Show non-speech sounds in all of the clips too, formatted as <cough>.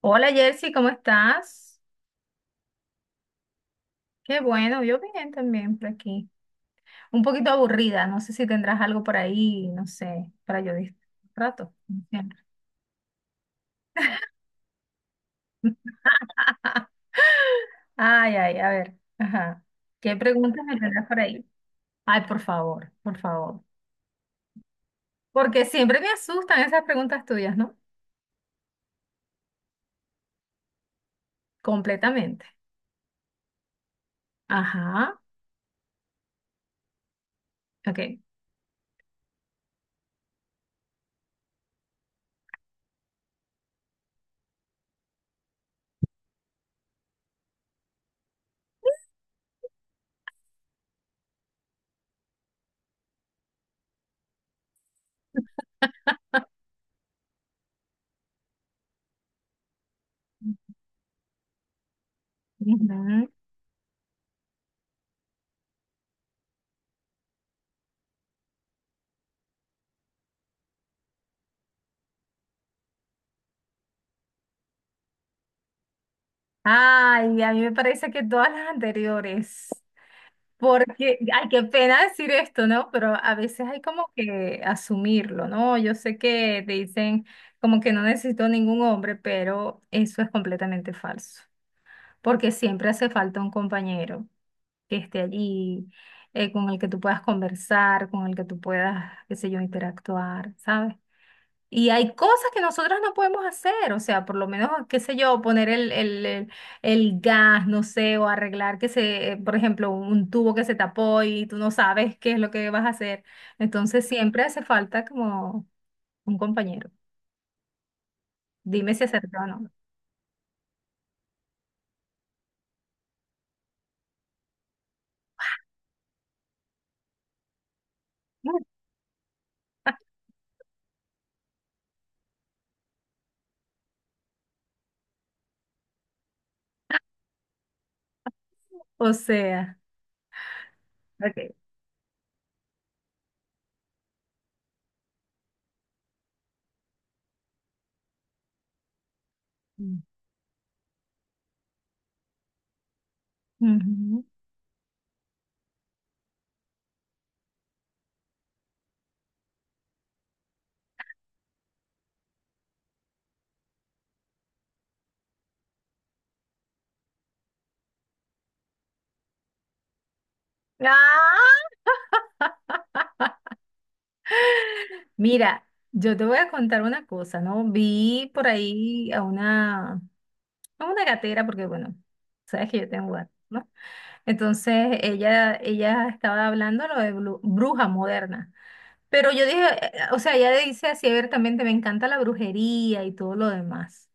Hola Jersey, ¿cómo estás? Qué bueno, yo bien también por aquí. Un poquito aburrida, no sé si tendrás algo por ahí, no sé, para yo un rato. Como siempre. <laughs> Ay, ay, a ver, ajá. ¿Qué preguntas me tendrás por ahí? Ay, por favor, por favor. Porque siempre me asustan esas preguntas tuyas, ¿no? Completamente. Ajá, ok. Ujú. Ay, a mí me parece que todas las anteriores. Porque, ay, qué pena decir esto, ¿no? Pero a veces hay como que asumirlo, ¿no? Yo sé que te dicen como que no necesito ningún hombre, pero eso es completamente falso, porque siempre hace falta un compañero que esté allí, con el que tú puedas conversar, con el que tú puedas, qué sé yo, interactuar, ¿sabes? Y hay cosas que nosotras no podemos hacer, o sea, por lo menos, qué sé yo, poner el gas, no sé, o arreglar que se, por ejemplo, un tubo que se tapó y tú no sabes qué es lo que vas a hacer. Entonces siempre hace falta como un compañero. Dime si acertó o no. <laughs> O sea, ok. Ujú. ¡Ah! Mira, yo te voy a contar una cosa, ¿no? Vi por ahí a una gatera, porque bueno, sabes que yo tengo gato. Entonces ella estaba hablando lo de bruja moderna. Pero yo dije, o sea, ella dice así abiertamente, me encanta la brujería y todo lo demás,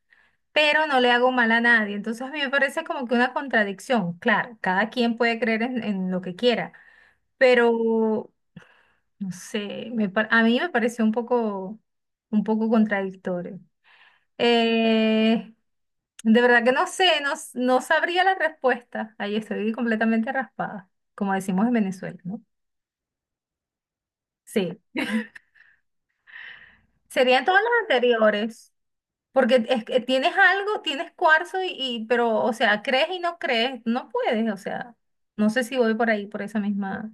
pero no le hago mal a nadie. Entonces a mí me parece como que una contradicción. Claro, cada quien puede creer en lo que quiera, pero no sé, a mí me pareció un poco contradictorio. Eh, de verdad que no sé, no, no sabría la respuesta. Ahí estoy completamente raspada, como decimos en Venezuela, ¿no? Sí, serían todas las anteriores, porque es que tienes algo, tienes cuarzo pero, o sea, crees y no crees, no puedes, o sea, no sé si voy por ahí, por esa misma.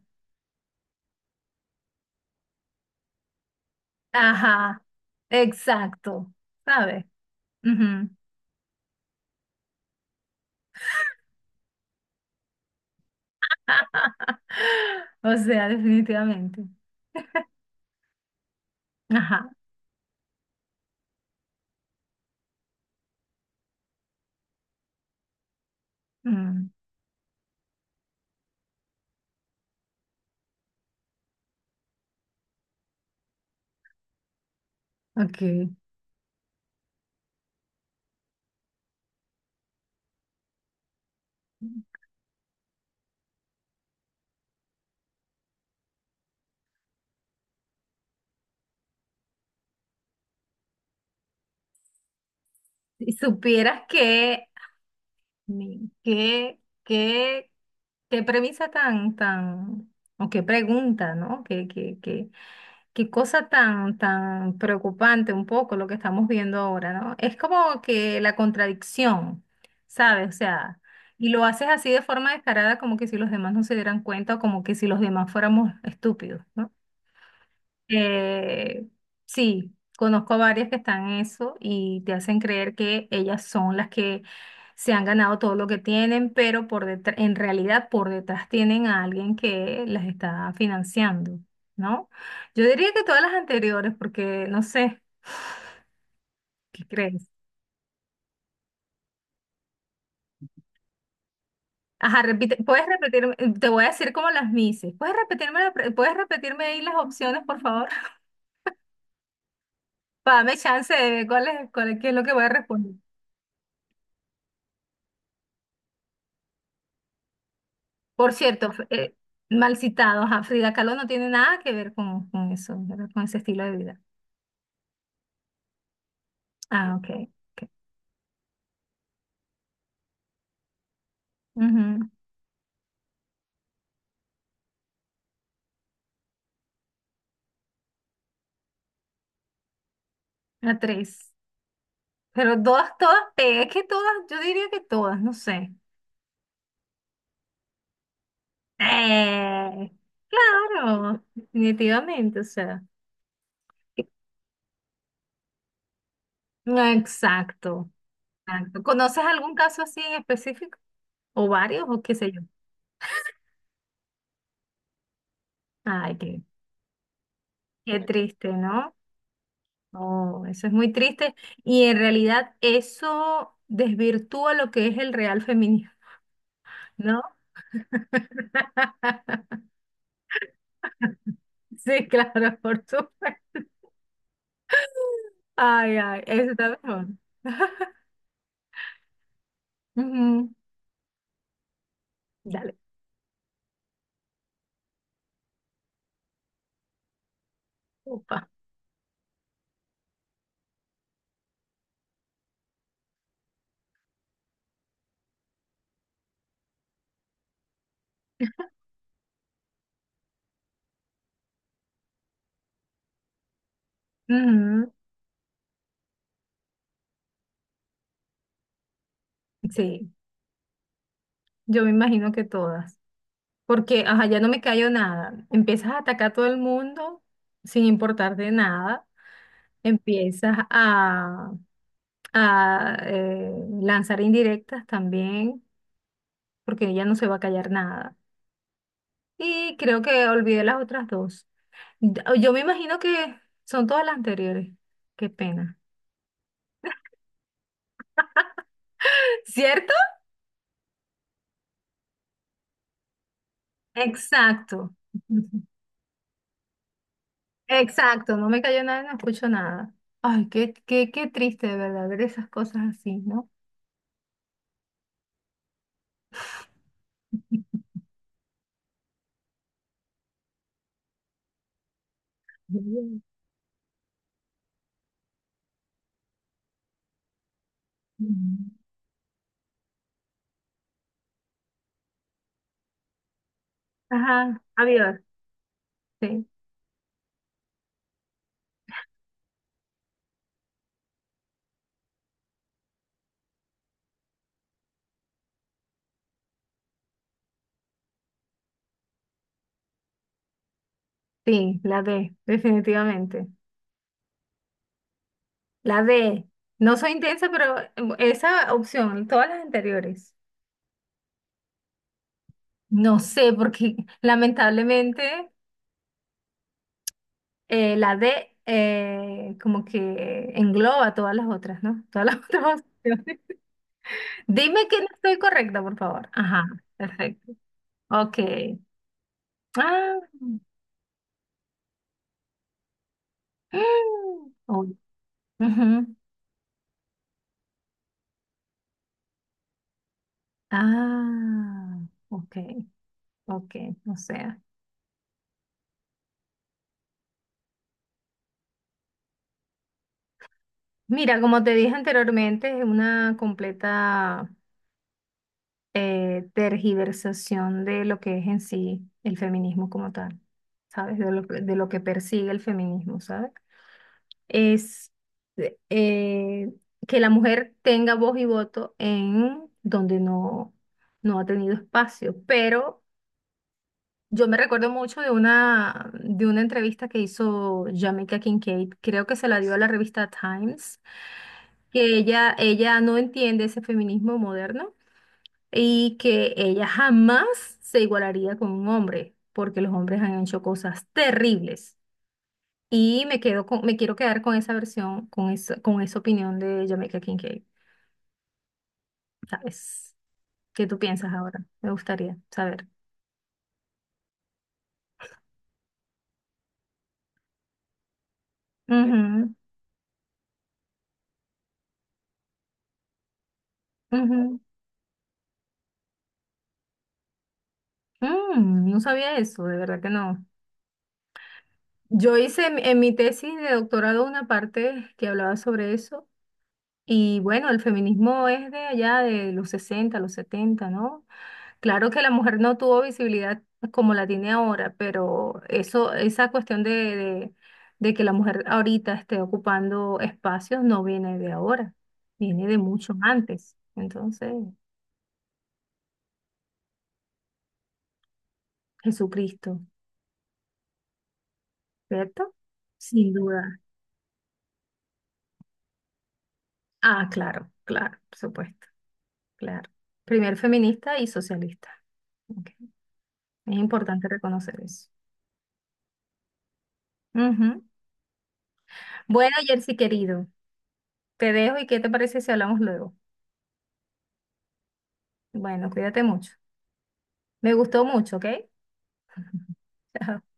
Ajá, exacto, ¿sabes? Ujú. <gasps> O sea, definitivamente. Ajá. Mm, ok. Si supieras que ¿Qué, qué, qué premisa tan, tan, o qué pregunta, ¿no? Qué, qué, qué, qué cosa tan, tan preocupante un poco lo que estamos viendo ahora, ¿no? Es como que la contradicción, ¿sabes? O sea, y lo haces así de forma descarada, como que si los demás no se dieran cuenta o como que si los demás fuéramos estúpidos, ¿no? Eh, sí, conozco a varias que están en eso y te hacen creer que ellas son las que se han ganado todo lo que tienen, pero por detrás, en realidad por detrás tienen a alguien que las está financiando, ¿no? Yo diría que todas las anteriores, porque no sé, ¿qué crees? Ajá, repite, puedes repetirme, te voy a decir como las mises. ¿Puedes repetirme, puedes repetirme ahí las opciones, por favor? <laughs> Para darme chance de ver cuál es, qué es lo que voy a responder. Por cierto, mal citado, ajá, Frida Kahlo no tiene nada que ver con eso, ¿verdad? Con ese estilo de vida. Ah, ok. Ok. Ujú, la tres. Pero todas, todas, es que todas, yo diría que todas, no sé. Eh, claro, definitivamente, o sea. No, exacto, exacto. ¿Conoces algún caso así en específico? ¿O varios? ¿O qué sé yo? Ay, qué, qué triste, ¿no? No, eso es muy triste y en realidad eso desvirtúa lo que es el real feminismo, ¿no? <laughs> Sí, claro, por supuesto. Ay, ay, eso está mejor. <laughs> Ujú, dale, opa. Ujú, sí, yo me imagino que todas. Porque, ajá, ya no me cayó nada. Empiezas a atacar a todo el mundo sin importarte nada. Empiezas a lanzar indirectas también. Porque ella no se va a callar nada. Y creo que olvidé las otras dos. Yo me imagino que son todas las anteriores. Qué pena. <laughs> ¿Cierto? Exacto. Exacto, no me cayó nada, no escucho nada. Ay, qué, qué, qué triste, de verdad, ver esas cosas así, ¿no? <laughs> Mm. Ajá, adiós. Sí, sí, la D, definitivamente. La D. No soy intensa, pero esa opción, todas las anteriores. No sé, porque lamentablemente la D como que engloba todas las otras, ¿no? Todas las <laughs> otras opciones. Dime que no estoy correcta, por favor. Ajá, perfecto. Ok. Ah. Mm, uy, ujú. Ah, ok, ok. O sea, mira, como te dije anteriormente, es una completa tergiversación de lo que es en sí el feminismo como tal, ¿sabes? De lo que persigue el feminismo, ¿sabes? Es eh, eh, que la mujer tenga voz y voto en donde no, no ha tenido espacio, pero yo me recuerdo mucho de una entrevista que hizo Jamaica Kincaid, creo que se la dio a la revista Times, que ella no entiende ese feminismo moderno y que ella jamás se igualaría con un hombre, porque los hombres han hecho cosas terribles. Y me quedo con, me quiero quedar con esa versión, con esa opinión de Jamaica Kincaid, ¿sabes? ¿Qué tú piensas ahora? Me gustaría saber. Ujú, ujú. Mm, no sabía eso, de verdad que no. Yo hice en mi tesis de doctorado una parte que hablaba sobre eso. Y bueno, el feminismo es de allá de los 60, los 70, ¿no? Claro que la mujer no tuvo visibilidad como la tiene ahora, pero eso, esa cuestión de, de que la mujer ahorita esté ocupando espacios no viene de ahora, viene de mucho antes. Entonces, Jesucristo, ¿cierto? Sin duda. Ah, claro, claro, por supuesto, claro. Primer feminista y socialista. Ok. Es importante reconocer eso. Ujú. Bueno, Jersey querido, te dejo y ¿qué te parece si hablamos luego? Bueno, cuídate mucho. Me gustó mucho, ¿ok? Chao.